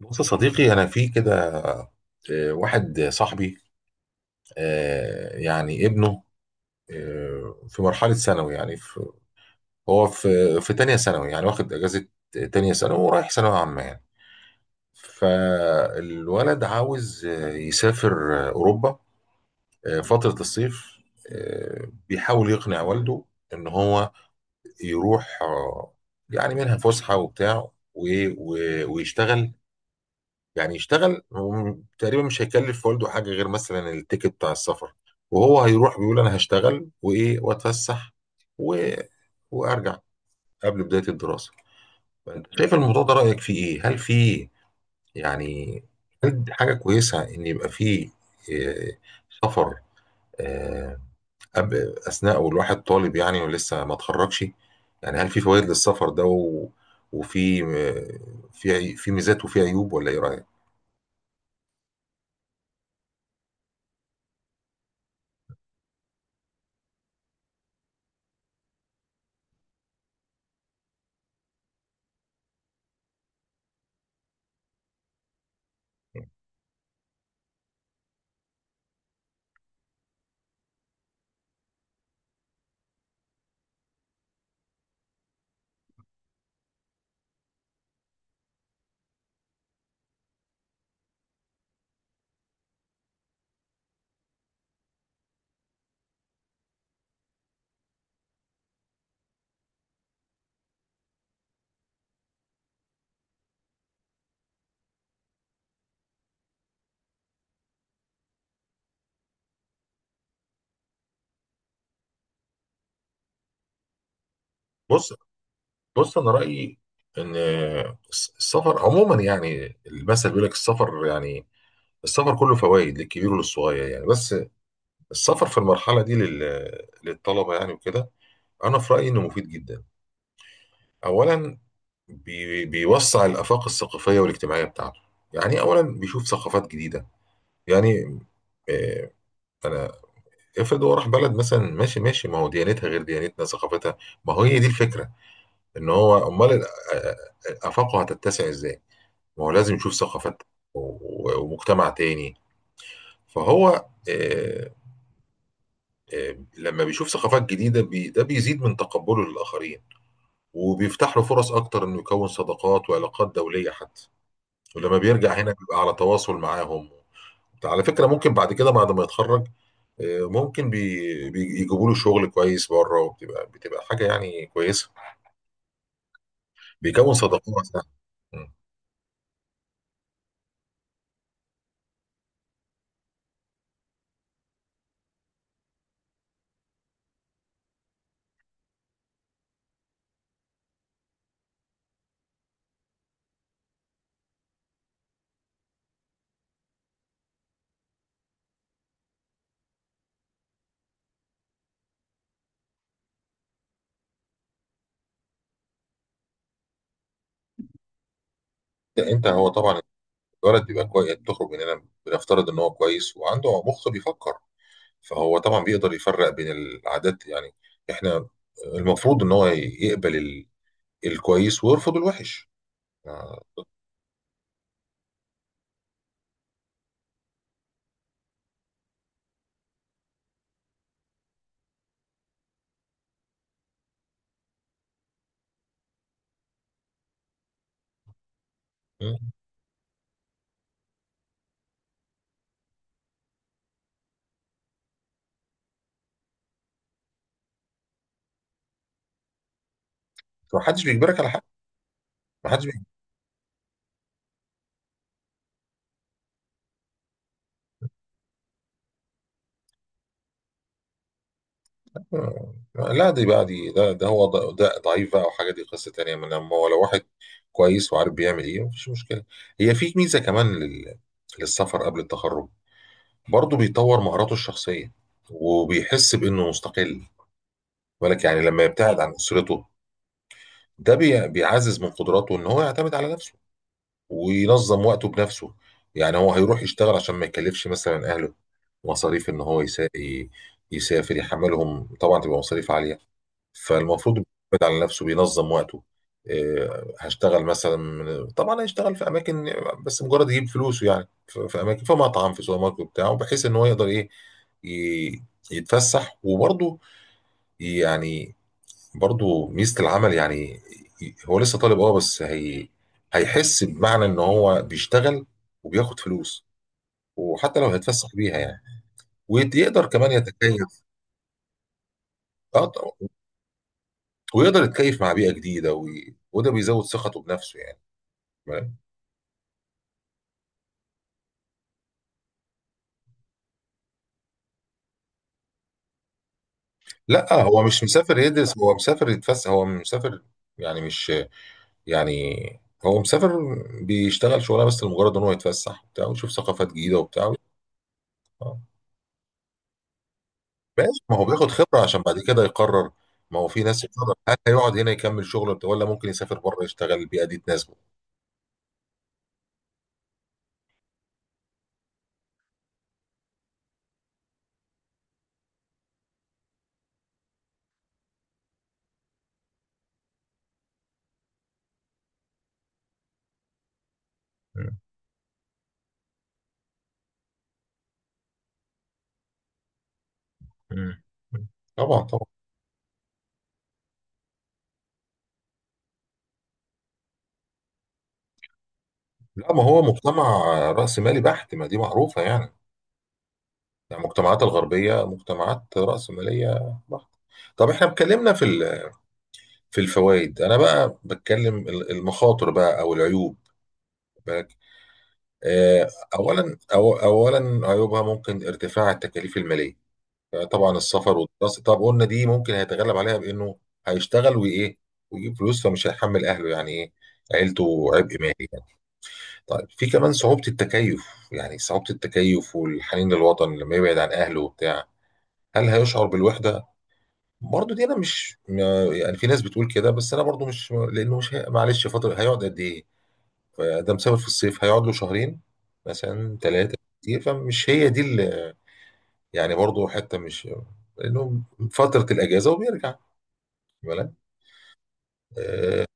بص يا صديقي، انا في كده. واحد صاحبي، يعني ابنه، في مرحله ثانوي، يعني في، هو في تانية ثانوي، يعني واخد اجازه تانية ثانوي ورايح ثانويه عامه يعني. فالولد عاوز يسافر، اوروبا، فتره الصيف. بيحاول يقنع والده ان هو يروح، يعني منها فسحه وبتاع ويشتغل. يعني يشتغل هو، تقريبا مش هيكلف والده حاجه غير مثلا التيكت بتاع السفر. وهو هيروح بيقول انا هشتغل وايه واتفسح و... وارجع قبل بدايه الدراسه. فانت شايف الموضوع ده رايك فيه ايه؟ هل فيه يعني، هل دي حاجه كويسه ان يبقى فيه آه، سفر، آه، أب... اثناء والواحد طالب يعني ولسه ما اتخرجش؟ يعني هل في فوائد للسفر ده وفي آه، في عي- في ميزات وفي عيوب، ولا ايه رايك؟ بص، بص انا رايي ان السفر عموما، يعني المثل بيقول لك السفر، يعني السفر كله فوائد للكبير وللصغير يعني. بس السفر في المرحله دي للطلبه يعني وكده، انا في رايي انه مفيد جدا. اولا بيوسع الافاق الثقافيه والاجتماعيه بتاعته. يعني اولا بيشوف ثقافات جديده، يعني آه، انا افرض هو راح بلد مثلا، ماشي ماشي، ما هو ديانتها غير ديانتنا، ثقافتها، ما هو هي دي الفكره، ان هو امال آه، افاقه هتتسع ازاي؟ ما هو لازم يشوف ثقافة و- ومجتمع تاني. فهو آه، لما بيشوف ثقافات جديدة، ده بيزيد من تقبله للآخرين، وبيفتح له فرص أكتر إنه يكون صداقات وعلاقات دولية حتى. ولما بيرجع هنا بيبقى على تواصل معاهم. على فكرة ممكن بعد كده بعد ما يتخرج، ممكن يجيبوا له شغل كويس بره، وبتبقى حاجة يعني كويسة، بيكون صداقات يعني. مم. انت، هو طبعا الولد بيبقى كويس، بتخرج من هنا بنفترض ان هو كويس وعنده مخ بيفكر، فهو طبعا بيقدر يفرق بين العادات يعني. احنا المفروض ان هو يقبل الكويس ويرفض الوحش. ما ما حدش بيجبرك على حاجه. ما حدش بيجبرك. لا، دي بقى، دي ده هو ده ضعيف بقى، وحاجه دي قصه تانيه. من لما هو لو واحد كويس وعارف بيعمل ايه، مفيش مشكله. هي في ميزه كمان للسفر قبل التخرج، برضه بيطور مهاراته الشخصيه وبيحس بانه مستقل. بالك يعني لما يبتعد عن اسرته، ده بيعزز من قدراته ان هو يعتمد على نفسه وينظم وقته بنفسه. يعني هو هيروح يشتغل عشان ما يكلفش مثلا اهله مصاريف ان هو يسافر، يحملهم طبعا تبقى مصاريف عاليه. فالمفروض بيعتمد على نفسه، بينظم وقته. إيه، هشتغل مثلا طبعا هيشتغل في اماكن، بس مجرد يجيب فلوسه، يعني في اماكن، في مطعم، في سوبر ماركت بتاعه، بحيث ان هو يقدر ايه ي- يتفسح وبرضه يعني، برضو ميزة العمل يعني. هو لسه طالب بس هيحس بمعنى ان هو بيشتغل وبياخد فلوس، وحتى لو هيتفسح بيها يعني. ويقدر كمان يتكيف. اه طبعا. ويقدر يتكيف مع بيئة جديدة، وده بيزود ثقته بنفسه يعني، فاهم؟ لا، هو مش مسافر يدرس، هو مسافر يتفسح، هو مسافر، يعني مش، يعني هو مسافر بيشتغل شغلانه بس لمجرد ان هو يتفسح وبتاع ويشوف ثقافات جديده وبتاع. ماشي، ما هو بياخد خبرة عشان بعد كده يقرر. ما هو في ناس يقرر هل هيقعد هنا يكمل شغله ولا ممكن يسافر بره يشتغل، البيئة دي تناسبه. مم. مم. طبعا، طبعا. لا ما هو مجتمع رأس مالي بحت، ما دي معروفة يعني. يعني المجتمعات الغربية مجتمعات رأس مالية بحت. طب احنا اتكلمنا في في الفوائد، انا بقى بتكلم المخاطر بقى او العيوب. بالك، آه، اولا، أو اولا عيوبها ممكن ارتفاع التكاليف المالية. طبعا السفر والدراسه، طب قلنا دي ممكن هيتغلب عليها بانه هيشتغل وايه ويجيب فلوس، فمش هيحمل اهله يعني ايه، عيلته عبء مالي يعني. طيب في كمان صعوبه التكيف، يعني صعوبه التكيف والحنين للوطن لما يبعد عن اهله وبتاع. هل هيشعر بالوحده؟ برضه دي انا مش يعني في ناس بتقول كده، بس انا برضه مش، لانه مش معلش فتره هيقعد قد ايه؟ فده مسافر في الصيف هيقعد له شهرين مثلا ثلاثه، كتير فمش هي دي اللي يعني، برضه حته مش لانه فتره الاجازه وبيرجع، بالك. آه،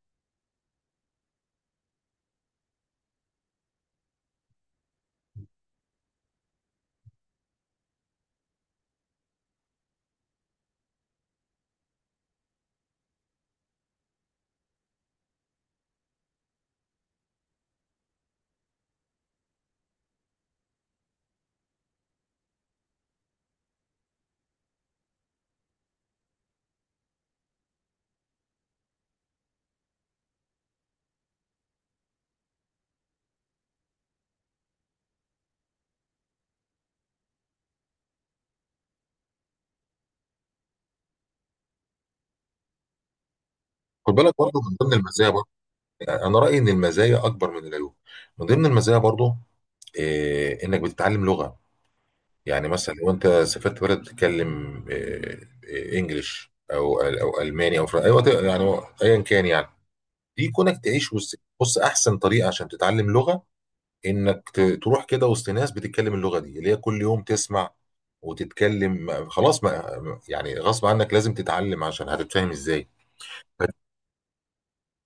خد بالك برضه، من ضمن المزايا برضه، يعني انا رايي ان المزايا اكبر من العيوب. من ضمن المزايا برضه، انك بتتعلم لغه. يعني مثلا لو انت سافرت بلد بتتكلم انجليش او الماني او فرنسي، ايوه يعني ايا كان يعني. دي كونك تعيش وسط، بص، احسن طريقه عشان تتعلم لغه انك تروح كده وسط ناس بتتكلم اللغه دي، اللي هي كل يوم تسمع وتتكلم، خلاص ما يعني، غصب عنك لازم تتعلم، عشان هتتفاهم ازاي؟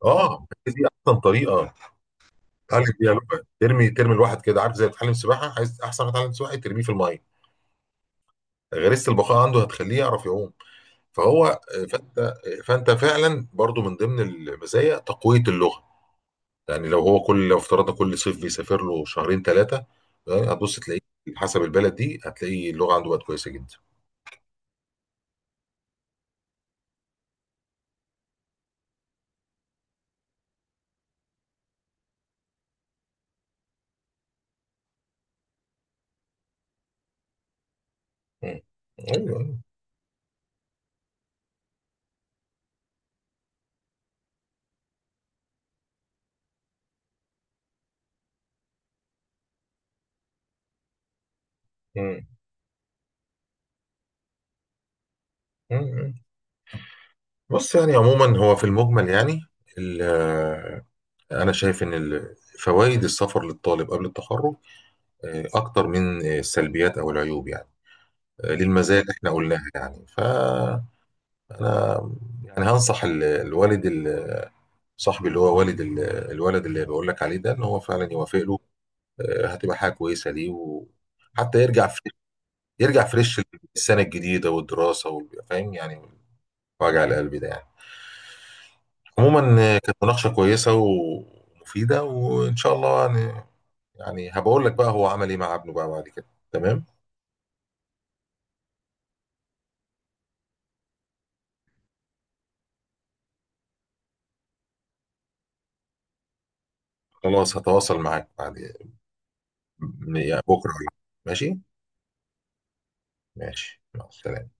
اه، هي دي احسن طريقه تتعلم بيها لغه. ترمي، ترمي الواحد كده، عارف زي اللي بتتعلم سباحه، عايز احسن واحد يتعلم سباحه، ترميه في الميه، غريزه البقاء عنده هتخليه يعرف يعوم. فهو، فانت فانت، فعلا برضو من ضمن المزايا تقويه اللغه. يعني لو هو كل، لو افترضنا كل صيف بيسافر له شهرين ثلاثه، يعني هتبص تلاقيه حسب البلد دي، هتلاقي اللغه عنده بقت كويسه جدا. مم. ايوه، أيوة. مم. مم. بص، يعني عموما هو في المجمل يعني، ال- أنا شايف إن فوائد السفر للطالب قبل التخرج أكتر من السلبيات أو العيوب، يعني للمزايا اللي إحنا قلناها يعني. فأنا يعني هنصح الوالد، صاحبي اللي هو والد الولد اللي بقول لك عليه ده، إن هو فعلا يوافق له. هتبقى حاجة كويسة ليه، وحتى يرجع يرجع فريش السنة الجديدة والدراسة فاهم يعني، وجع القلب ده يعني. عموما كانت مناقشة كويسة ومفيدة، وإن شاء الله يعني هبقول لك بقى هو عمل ايه مع ابنه بقى بعد كده. تمام. خلاص هتواصل معاك بعد، يعني بكره. ماشي. ماشي يلا سلام.